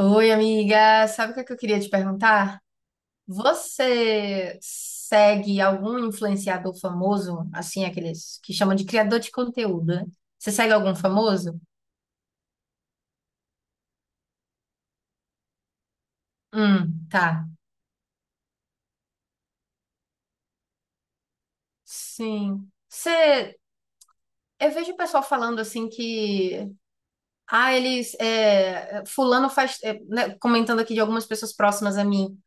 Oi, amiga. Sabe o que é que eu queria te perguntar? Você segue algum influenciador famoso, assim, aqueles que chamam de criador de conteúdo, né? Você segue algum famoso? Tá. Sim. Você, eu vejo o pessoal falando assim que, ah, eles, é, fulano faz, é, né, comentando aqui de algumas pessoas próximas a mim.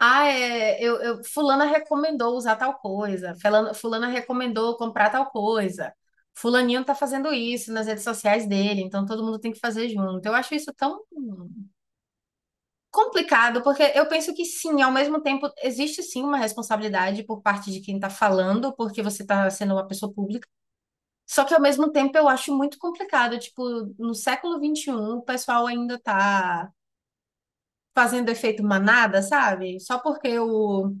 Ah, é, fulana recomendou usar tal coisa, fulana recomendou comprar tal coisa, fulaninho tá fazendo isso nas redes sociais dele, então todo mundo tem que fazer junto. Eu acho isso tão complicado, porque eu penso que sim, ao mesmo tempo existe sim uma responsabilidade por parte de quem tá falando, porque você tá sendo uma pessoa pública, só que ao mesmo tempo eu acho muito complicado, tipo, no século XXI o pessoal ainda tá fazendo efeito manada, sabe? Só porque o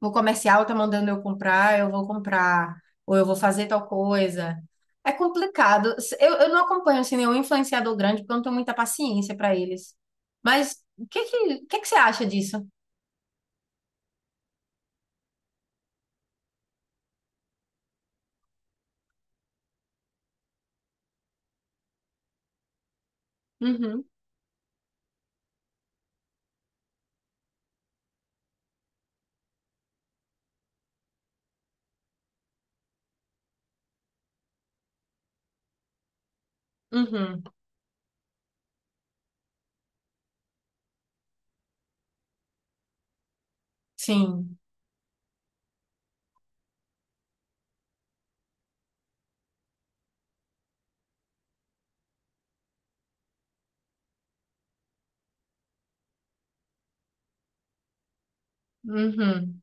o comercial tá mandando eu comprar, eu vou comprar, ou eu vou fazer tal coisa. É complicado. Eu não acompanho assim, nenhum influenciador grande, porque eu não tenho muita paciência para eles. Mas o que que você acha disso? Uhum, uhum, sim, uhum.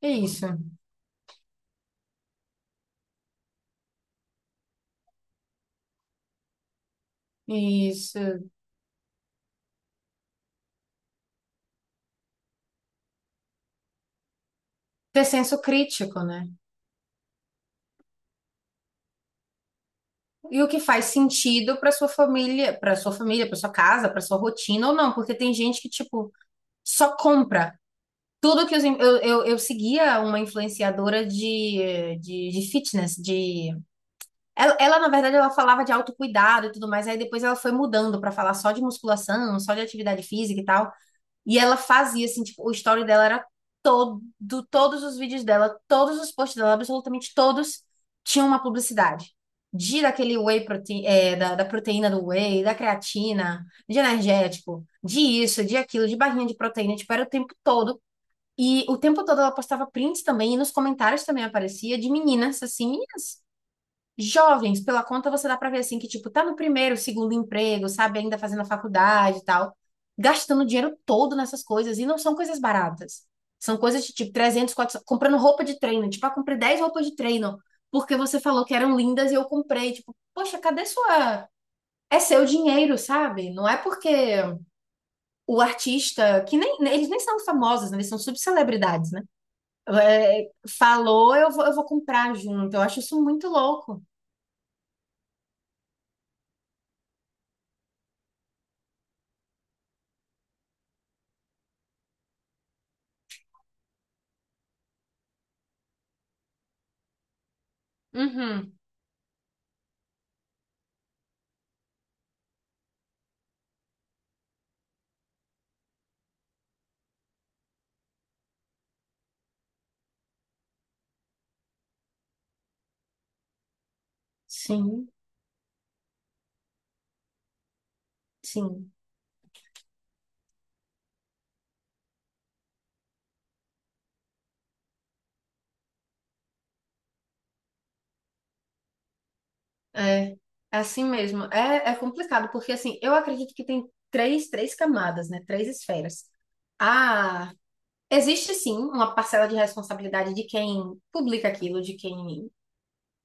É isso, é isso. Ter senso crítico, né? E o que faz sentido para sua família, para sua família, para sua casa, para sua rotina ou não, porque tem gente que, tipo, só compra. Tudo que os in- eu, eu seguia uma influenciadora de fitness, ela, na verdade ela falava de autocuidado e tudo mais, aí depois ela foi mudando para falar só de musculação, só de atividade física e tal. E ela fazia assim, tipo, o story dela era todo, todos os vídeos dela, todos os posts dela, absolutamente todos tinham uma publicidade. De daquele whey protein, é, da, da proteína do whey, da creatina, de energético, de isso, de aquilo, de barrinha de proteína, tipo, era o tempo todo e o tempo todo ela postava prints também, e nos comentários também aparecia de meninas, assim, meninas jovens, pela conta você dá pra ver, assim, que, tipo, tá no primeiro, segundo emprego, sabe, ainda fazendo a faculdade e tal, gastando dinheiro todo nessas coisas, e não são coisas baratas. São coisas de, tipo, 300 400, comprando roupa de treino, tipo, ah, comprei 10 roupas de treino, porque você falou que eram lindas e eu comprei, tipo, poxa, cadê sua... É seu dinheiro, sabe? Não é porque o artista, que nem, eles nem são famosos, né? Eles são subcelebridades, né? É, falou, eu vou comprar junto. Eu acho isso muito louco. Uhum. Sim, sim. É, é assim mesmo. É, é complicado, porque assim, eu acredito que tem três camadas, né? Três esferas. Ah, existe sim uma parcela de responsabilidade de quem publica aquilo, de quem.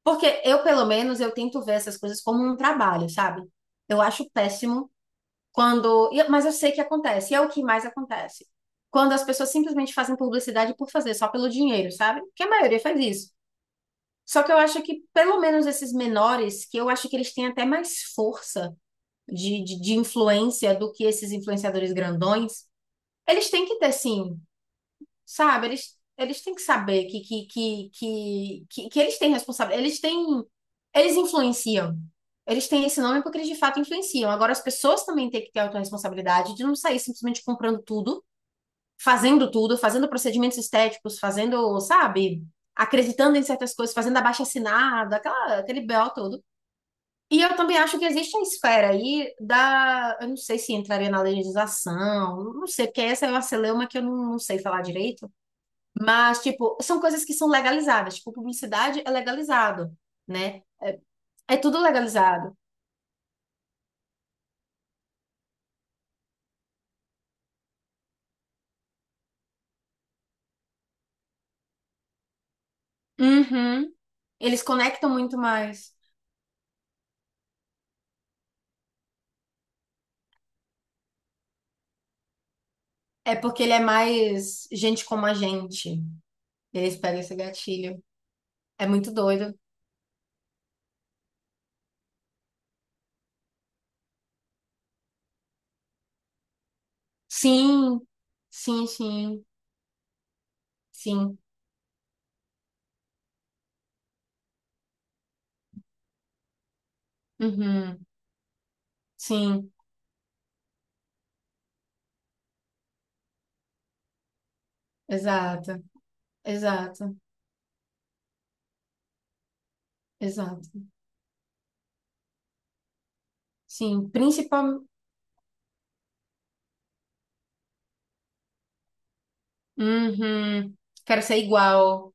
Porque eu, pelo menos, eu tento ver essas coisas como um trabalho, sabe? Eu acho péssimo quando, e- mas eu sei que acontece, e é o que mais acontece. Quando as pessoas simplesmente fazem publicidade por fazer, só pelo dinheiro, sabe? Que a maioria faz isso. Só que eu acho que, pelo menos esses menores, que eu acho que eles têm até mais força de influência do que esses influenciadores grandões, eles têm que ter, sim, sabe? Eles têm que saber que eles têm responsabilidade. Eles têm. Eles influenciam. Eles têm esse nome porque eles de fato influenciam. Agora, as pessoas também têm que ter a autorresponsabilidade de não sair simplesmente comprando tudo, fazendo procedimentos estéticos, fazendo, sabe? Acreditando em certas coisas, fazendo abaixo-assinado, aquela, aquele BO todo. E eu também acho que existe a esfera aí da. Eu não sei se entraria na legislação, não sei, porque essa é uma celeuma que eu não, não sei falar direito. Mas, tipo, são coisas que são legalizadas. Tipo, publicidade é legalizado, né? É tudo legalizado. Uhum. Eles conectam muito mais. É porque ele é mais gente como a gente. Eles pegam esse gatilho. É muito doido. Sim, sim, sim, sim. Uhum. Sim, exato, exato, exato. Sim, principalmente. Uhum. Quero ser igual.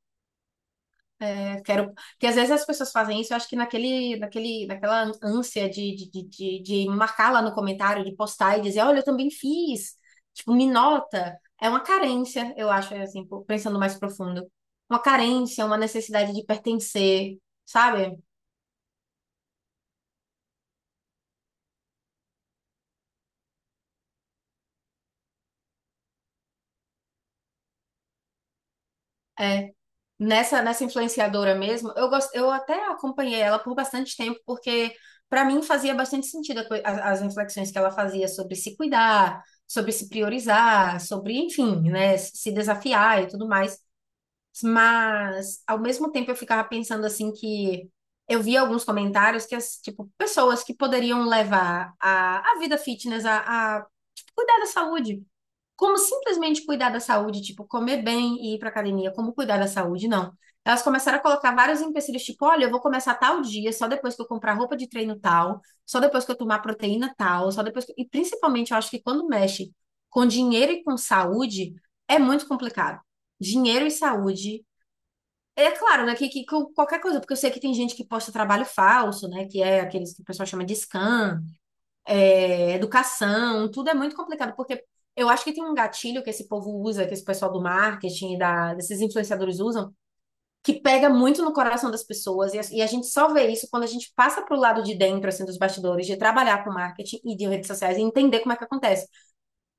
É, quero, porque às vezes as pessoas fazem isso, eu acho que naquela ânsia de marcar lá no comentário, de postar e dizer, olha, eu também fiz, tipo, me nota. É uma carência, eu acho, é, assim, pensando mais profundo. Uma carência, uma necessidade de pertencer, sabe? É. Nessa, nessa influenciadora mesmo, eu gosto, eu até acompanhei ela por bastante tempo, porque para mim fazia bastante sentido a as reflexões que ela fazia sobre se cuidar, sobre se priorizar, sobre, enfim, né, se desafiar e tudo mais. Mas, ao mesmo tempo, eu ficava pensando assim que eu via alguns comentários que, as, tipo, pessoas que poderiam levar a vida fitness tipo, cuidar da saúde como simplesmente cuidar da saúde, tipo comer bem e ir para academia, como cuidar da saúde, não. Elas começaram a colocar vários empecilhos, tipo, olha, eu vou começar tal dia, só depois que eu comprar roupa de treino tal, só depois que eu tomar proteína tal, só depois que... E principalmente, eu acho que quando mexe com dinheiro e com saúde, é muito complicado. Dinheiro e saúde. É claro, né, que com qualquer coisa, porque eu sei que tem gente que posta trabalho falso, né, que é aqueles que o pessoal chama de scam, é, educação, tudo é muito complicado, porque eu acho que tem um gatilho que esse povo usa, que esse pessoal do marketing, e da, desses influenciadores usam, que pega muito no coração das pessoas, e a gente só vê isso quando a gente passa pro lado de dentro, assim, dos bastidores, de trabalhar com marketing e de redes sociais, e entender como é que acontece.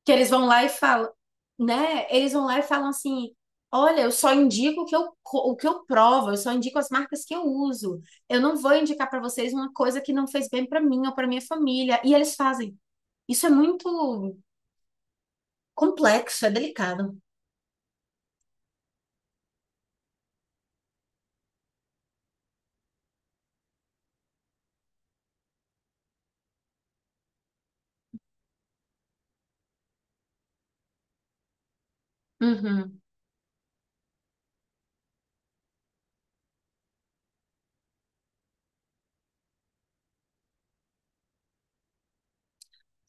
Que eles vão lá e falam, né? Eles vão lá e falam assim, olha, eu só indico o que eu provo, eu só indico as marcas que eu uso. Eu não vou indicar para vocês uma coisa que não fez bem para mim ou para minha família. E eles fazem. Isso é muito complexo, é delicado. Uhum,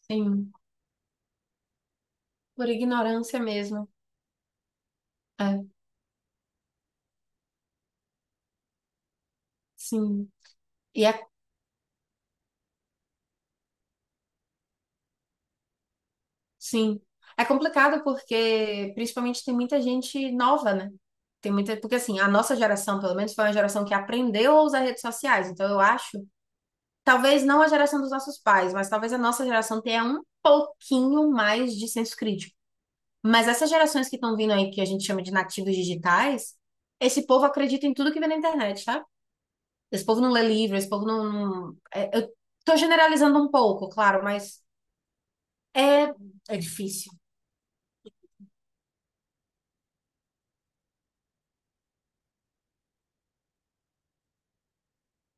sim, por ignorância mesmo. É, sim. E é, sim. É complicado porque, principalmente, tem muita gente nova, né? Tem muita, porque assim, a nossa geração, pelo menos, foi uma geração que aprendeu a usar redes sociais. Então, eu acho, talvez não a geração dos nossos pais, mas talvez a nossa geração tenha um pouquinho mais de senso crítico. Mas essas gerações que estão vindo aí, que a gente chama de nativos digitais, esse povo acredita em tudo que vê na internet, sabe? Esse povo não lê livro, esse povo não. Eu tô generalizando um pouco, claro, mas é, é difícil.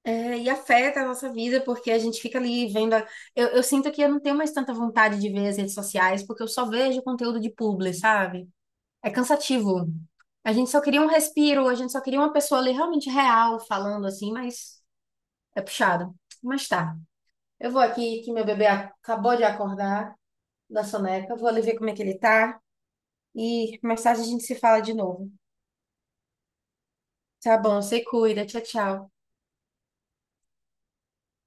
É, e afeta a nossa vida, porque a gente fica ali vendo. Eu sinto que eu não tenho mais tanta vontade de ver as redes sociais, porque eu só vejo conteúdo de publi, sabe? É cansativo. A gente só queria um respiro, a gente só queria uma pessoa ali realmente real falando assim, mas é puxado. Mas tá. Eu vou aqui, que meu bebê acabou de acordar da soneca, vou ali ver como é que ele tá e mais tarde a gente se fala de novo. Tá bom, você cuida. Tchau, tchau.